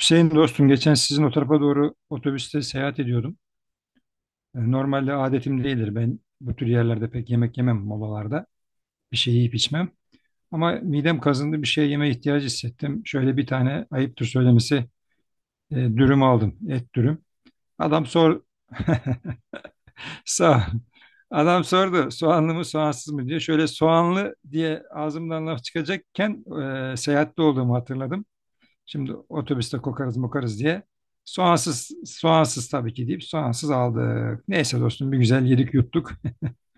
Hüseyin dostum geçen sizin o tarafa doğru otobüste seyahat ediyordum. Normalde adetim değildir. Ben bu tür yerlerde pek yemek yemem molalarda. Bir şey yiyip içmem. Ama midem kazındı bir şey yeme ihtiyacı hissettim. Şöyle bir tane ayıptır söylemesi dürüm aldım. Et dürüm. Adam sor sağ Adam sordu soğanlı mı soğansız mı diye. Şöyle soğanlı diye ağzımdan laf çıkacakken seyahatte olduğumu hatırladım. Şimdi otobüste kokarız mokarız diye. Soğansız, soğansız tabii ki deyip soğansız aldık. Neyse dostum bir güzel yedik yuttuk.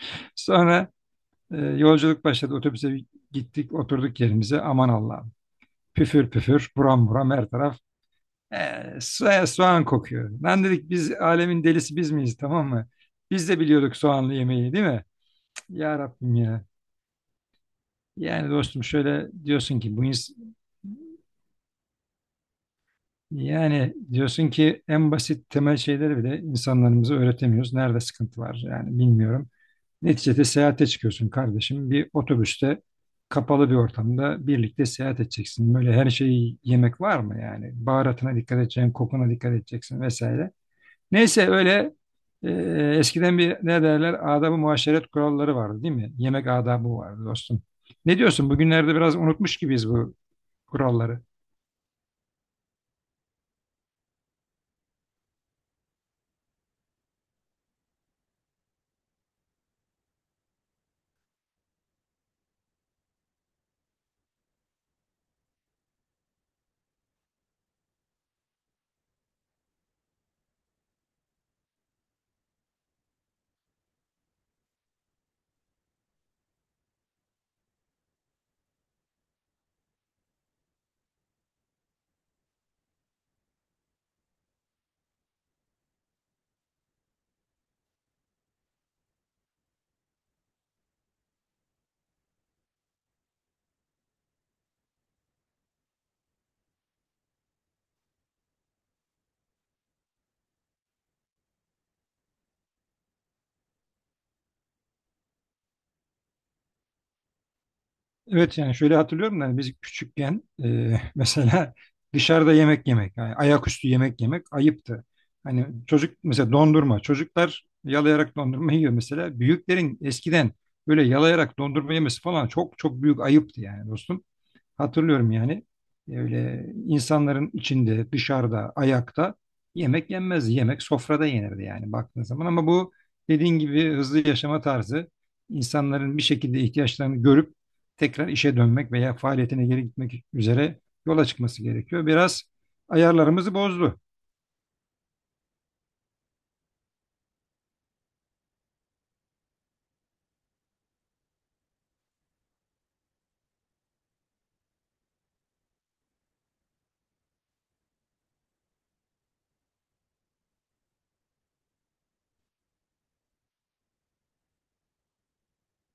Sonra yolculuk başladı. Otobüse bir gittik oturduk yerimize. Aman Allah'ım. Püfür püfür buram buram her taraf. E, soğan kokuyor. Lan dedik biz alemin delisi biz miyiz, tamam mı? Biz de biliyorduk soğanlı yemeği, değil mi? Cık, ya Rabbim ya. Yani dostum şöyle diyorsun ki bu, yani diyorsun ki en basit temel şeyleri bile insanlarımıza öğretemiyoruz. Nerede sıkıntı var yani, bilmiyorum. Neticede seyahate çıkıyorsun kardeşim. Bir otobüste kapalı bir ortamda birlikte seyahat edeceksin. Böyle her şeyi yemek var mı yani? Baharatına dikkat edeceksin, kokuna dikkat edeceksin vesaire. Neyse öyle e, eskiden bir ne derler adab-ı muaşeret kuralları vardı, değil mi? Yemek adabı vardı dostum. Ne diyorsun? Bugünlerde biraz unutmuş gibiyiz bu kuralları. Evet, yani şöyle hatırlıyorum da hani biz küçükken mesela dışarıda yemek yemek, yani ayaküstü yemek yemek ayıptı. Hani çocuk mesela dondurma, çocuklar yalayarak dondurma yiyor mesela. Büyüklerin eskiden böyle yalayarak dondurma yemesi falan çok çok büyük ayıptı yani dostum. Hatırlıyorum yani. Öyle insanların içinde, dışarıda, ayakta yemek yenmez. Yemek sofrada yenirdi yani baktığın zaman. Ama bu dediğin gibi hızlı yaşama tarzı insanların bir şekilde ihtiyaçlarını görüp tekrar işe dönmek veya faaliyetine geri gitmek üzere yola çıkması gerekiyor. Biraz ayarlarımızı bozdu.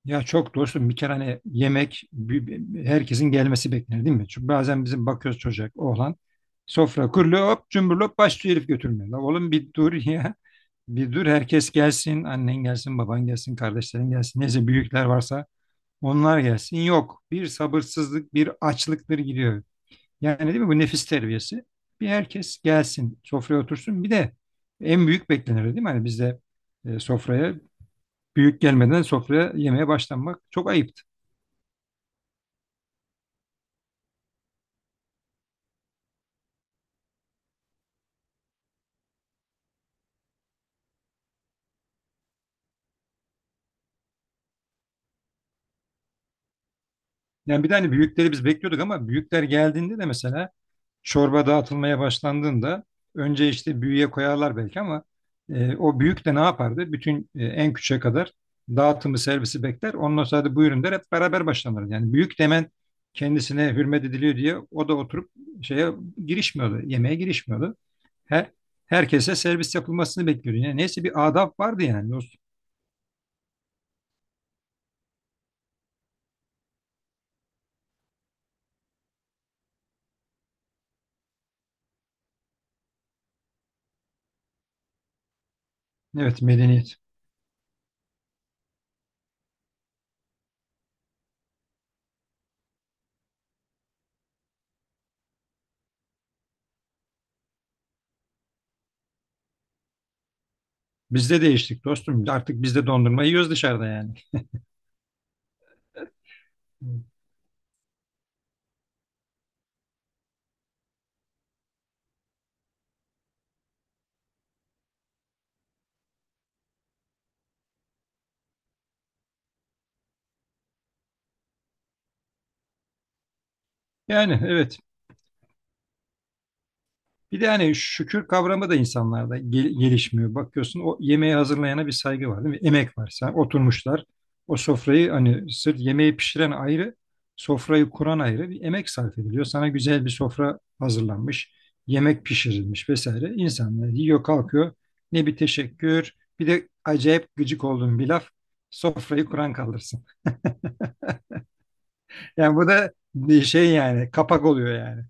Ya çok dostum, bir kere hani yemek herkesin gelmesi beklenir değil mi? Çünkü bazen bizim bakıyoruz çocuk oğlan sofra kuruluyor hop cumburlop başlıyor herif götürmeye. La oğlum bir dur ya, bir dur, herkes gelsin, annen gelsin, baban gelsin, kardeşlerin gelsin, neyse büyükler varsa onlar gelsin. Yok bir sabırsızlık bir açlıktır gidiyor. Yani değil mi bu nefis terbiyesi, bir herkes gelsin sofraya otursun, bir de en büyük beklenir değil mi? Hani bizde sofraya büyük gelmeden sofraya yemeye başlanmak çok ayıp. Yani bir de hani büyükleri biz bekliyorduk ama büyükler geldiğinde de mesela çorba dağıtılmaya başlandığında önce işte büyüğe koyarlar belki ama o büyük de ne yapardı? Bütün en küçüğe kadar dağıtımı servisi bekler. Ondan sonra da buyurun der, hep beraber başlanır. Yani büyük demen kendisine hürmet ediliyor diye o da oturup şeye girişmiyordu. Yemeğe girişmiyordu. Her, herkese servis yapılmasını bekliyordu. Yani neyse bir adab vardı yani dostum. Evet, medeniyet. Bizde değiştik dostum. Artık biz de dondurma yiyoruz dışarıda yani. Yani evet. Bir de hani şükür kavramı da insanlarda gelişmiyor. Bakıyorsun o yemeği hazırlayana bir saygı var değil mi? Emek var. Sen oturmuşlar. O sofrayı hani sırf yemeği pişiren ayrı, sofrayı kuran ayrı bir emek sarf ediliyor. Sana güzel bir sofra hazırlanmış, yemek pişirilmiş vesaire. İnsanlar yiyor, kalkıyor. Ne bir teşekkür, bir de acayip gıcık olduğum bir laf. Sofrayı kuran kaldırsın. Yani bu da bir şey yani, kapak oluyor yani.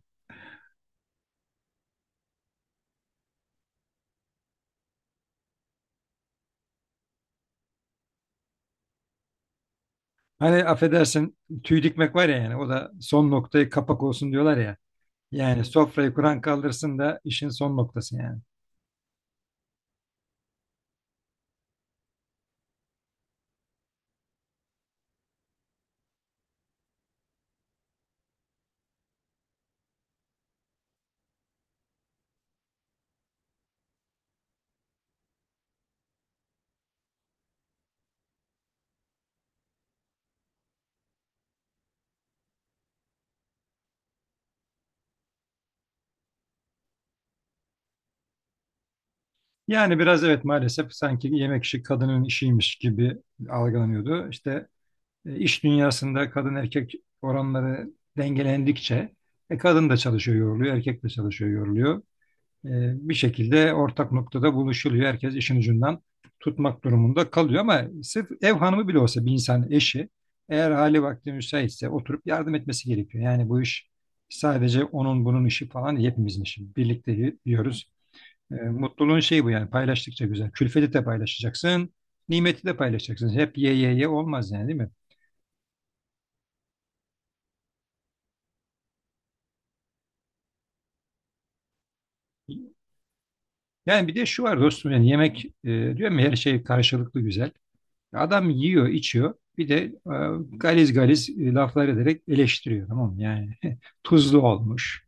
Hani affedersin tüy dikmek var ya, yani o da son noktayı kapak olsun diyorlar ya. Yani sofrayı kuran kaldırsın da, işin son noktası yani. Yani biraz evet, maalesef sanki yemek işi kadının işiymiş gibi algılanıyordu. İşte iş dünyasında kadın erkek oranları dengelendikçe kadın da çalışıyor yoruluyor, erkek de çalışıyor yoruluyor. E, bir şekilde ortak noktada buluşuluyor. Herkes işin ucundan tutmak durumunda kalıyor ama sırf ev hanımı bile olsa bir insan eşi eğer hali vakti müsaitse oturup yardım etmesi gerekiyor. Yani bu iş sadece onun bunun işi falan değil, hepimizin işi. Birlikte yiyoruz. Mutluluğun şeyi bu yani, paylaştıkça güzel. Külfeti de paylaşacaksın, nimeti de paylaşacaksın. Hep ye ye ye olmaz yani değil mi? Yani bir de şu var dostum, yani yemek diyorum ya her şey karşılıklı güzel. Adam yiyor, içiyor. Bir de galiz galiz laflar ederek eleştiriyor tamam mı? Yani tuzlu olmuş.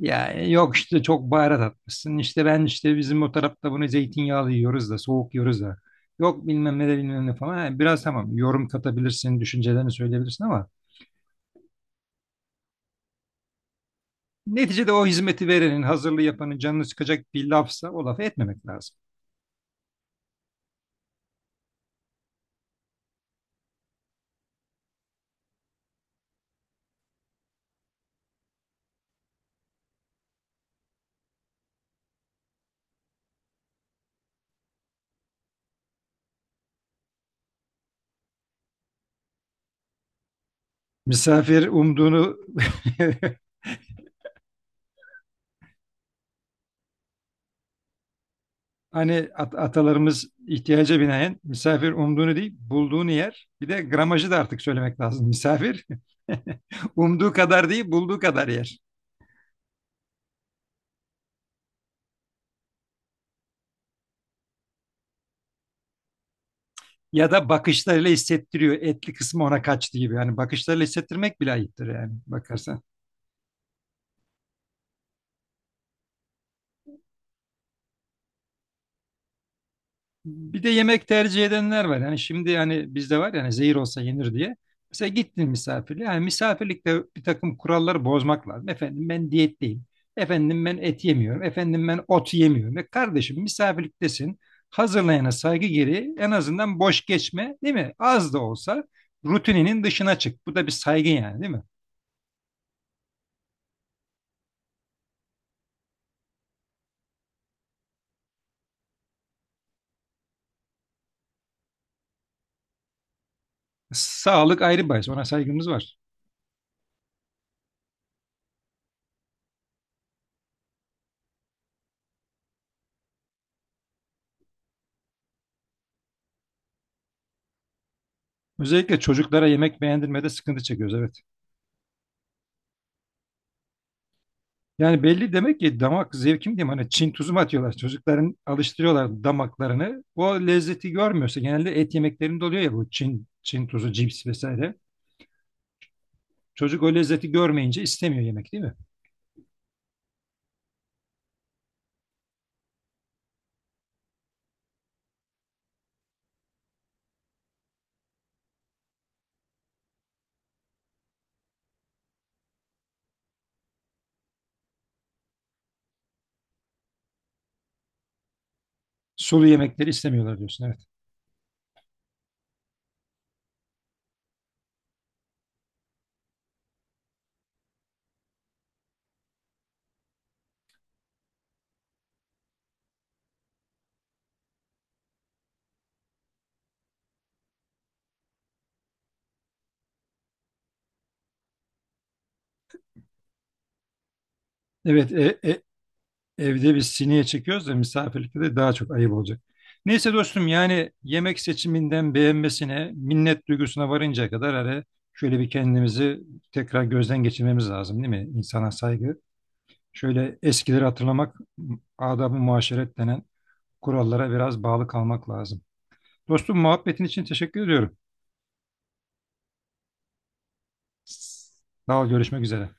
Ya yok işte çok baharat atmışsın. İşte ben işte bizim o tarafta bunu zeytinyağlı yiyoruz da soğuk yiyoruz da. Yok bilmem ne de bilmem ne falan. Ha, biraz tamam yorum katabilirsin, düşüncelerini söyleyebilirsin ama neticede o hizmeti verenin, hazırlığı yapanın canını sıkacak bir lafsa o lafı etmemek lazım. Misafir umduğunu Hani atalarımız ihtiyaca binaen misafir umduğunu değil bulduğunu yer. Bir de gramajı da artık söylemek lazım. Misafir umduğu kadar değil bulduğu kadar yer. Ya da bakışlarıyla hissettiriyor. Etli kısmı ona kaçtı gibi. Yani bakışlarıyla hissettirmek bile ayıptır yani bakarsan. Bir de yemek tercih edenler var. Yani şimdi yani bizde var yani, zehir olsa yenir diye. Mesela gittin misafirliğe. Yani misafirlikte bir takım kuralları bozmak lazım. Efendim ben diyetteyim. Efendim ben et yemiyorum. Efendim ben ot yemiyorum. Ve kardeşim misafirliktesin. Hazırlayana saygı gereği en azından boş geçme değil mi? Az da olsa rutininin dışına çık. Bu da bir saygı yani değil mi? Sağlık ayrı bahis. Ona saygımız var. Özellikle çocuklara yemek beğendirmede sıkıntı çekiyoruz. Evet. Yani belli demek ki damak zevki mi diyeyim, hani Çin tuzu mu atıyorlar çocukların, alıştırıyorlar damaklarını, o lezzeti görmüyorsa genelde et yemeklerinde oluyor ya, bu Çin tuzu, cips vesaire çocuk o lezzeti görmeyince istemiyor yemek değil mi? Sulu yemekleri istemiyorlar diyorsun, evet. Evet e, e, Evde biz sineye çekiyoruz da misafirlikte de daha çok ayıp olacak. Neyse dostum yani yemek seçiminden beğenmesine, minnet duygusuna varıncaya kadar hele şöyle bir kendimizi tekrar gözden geçirmemiz lazım değil mi? İnsana saygı. Şöyle eskileri hatırlamak, adab-ı muaşeret denen kurallara biraz bağlı kalmak lazım. Dostum muhabbetin için teşekkür ediyorum. Daha görüşmek üzere.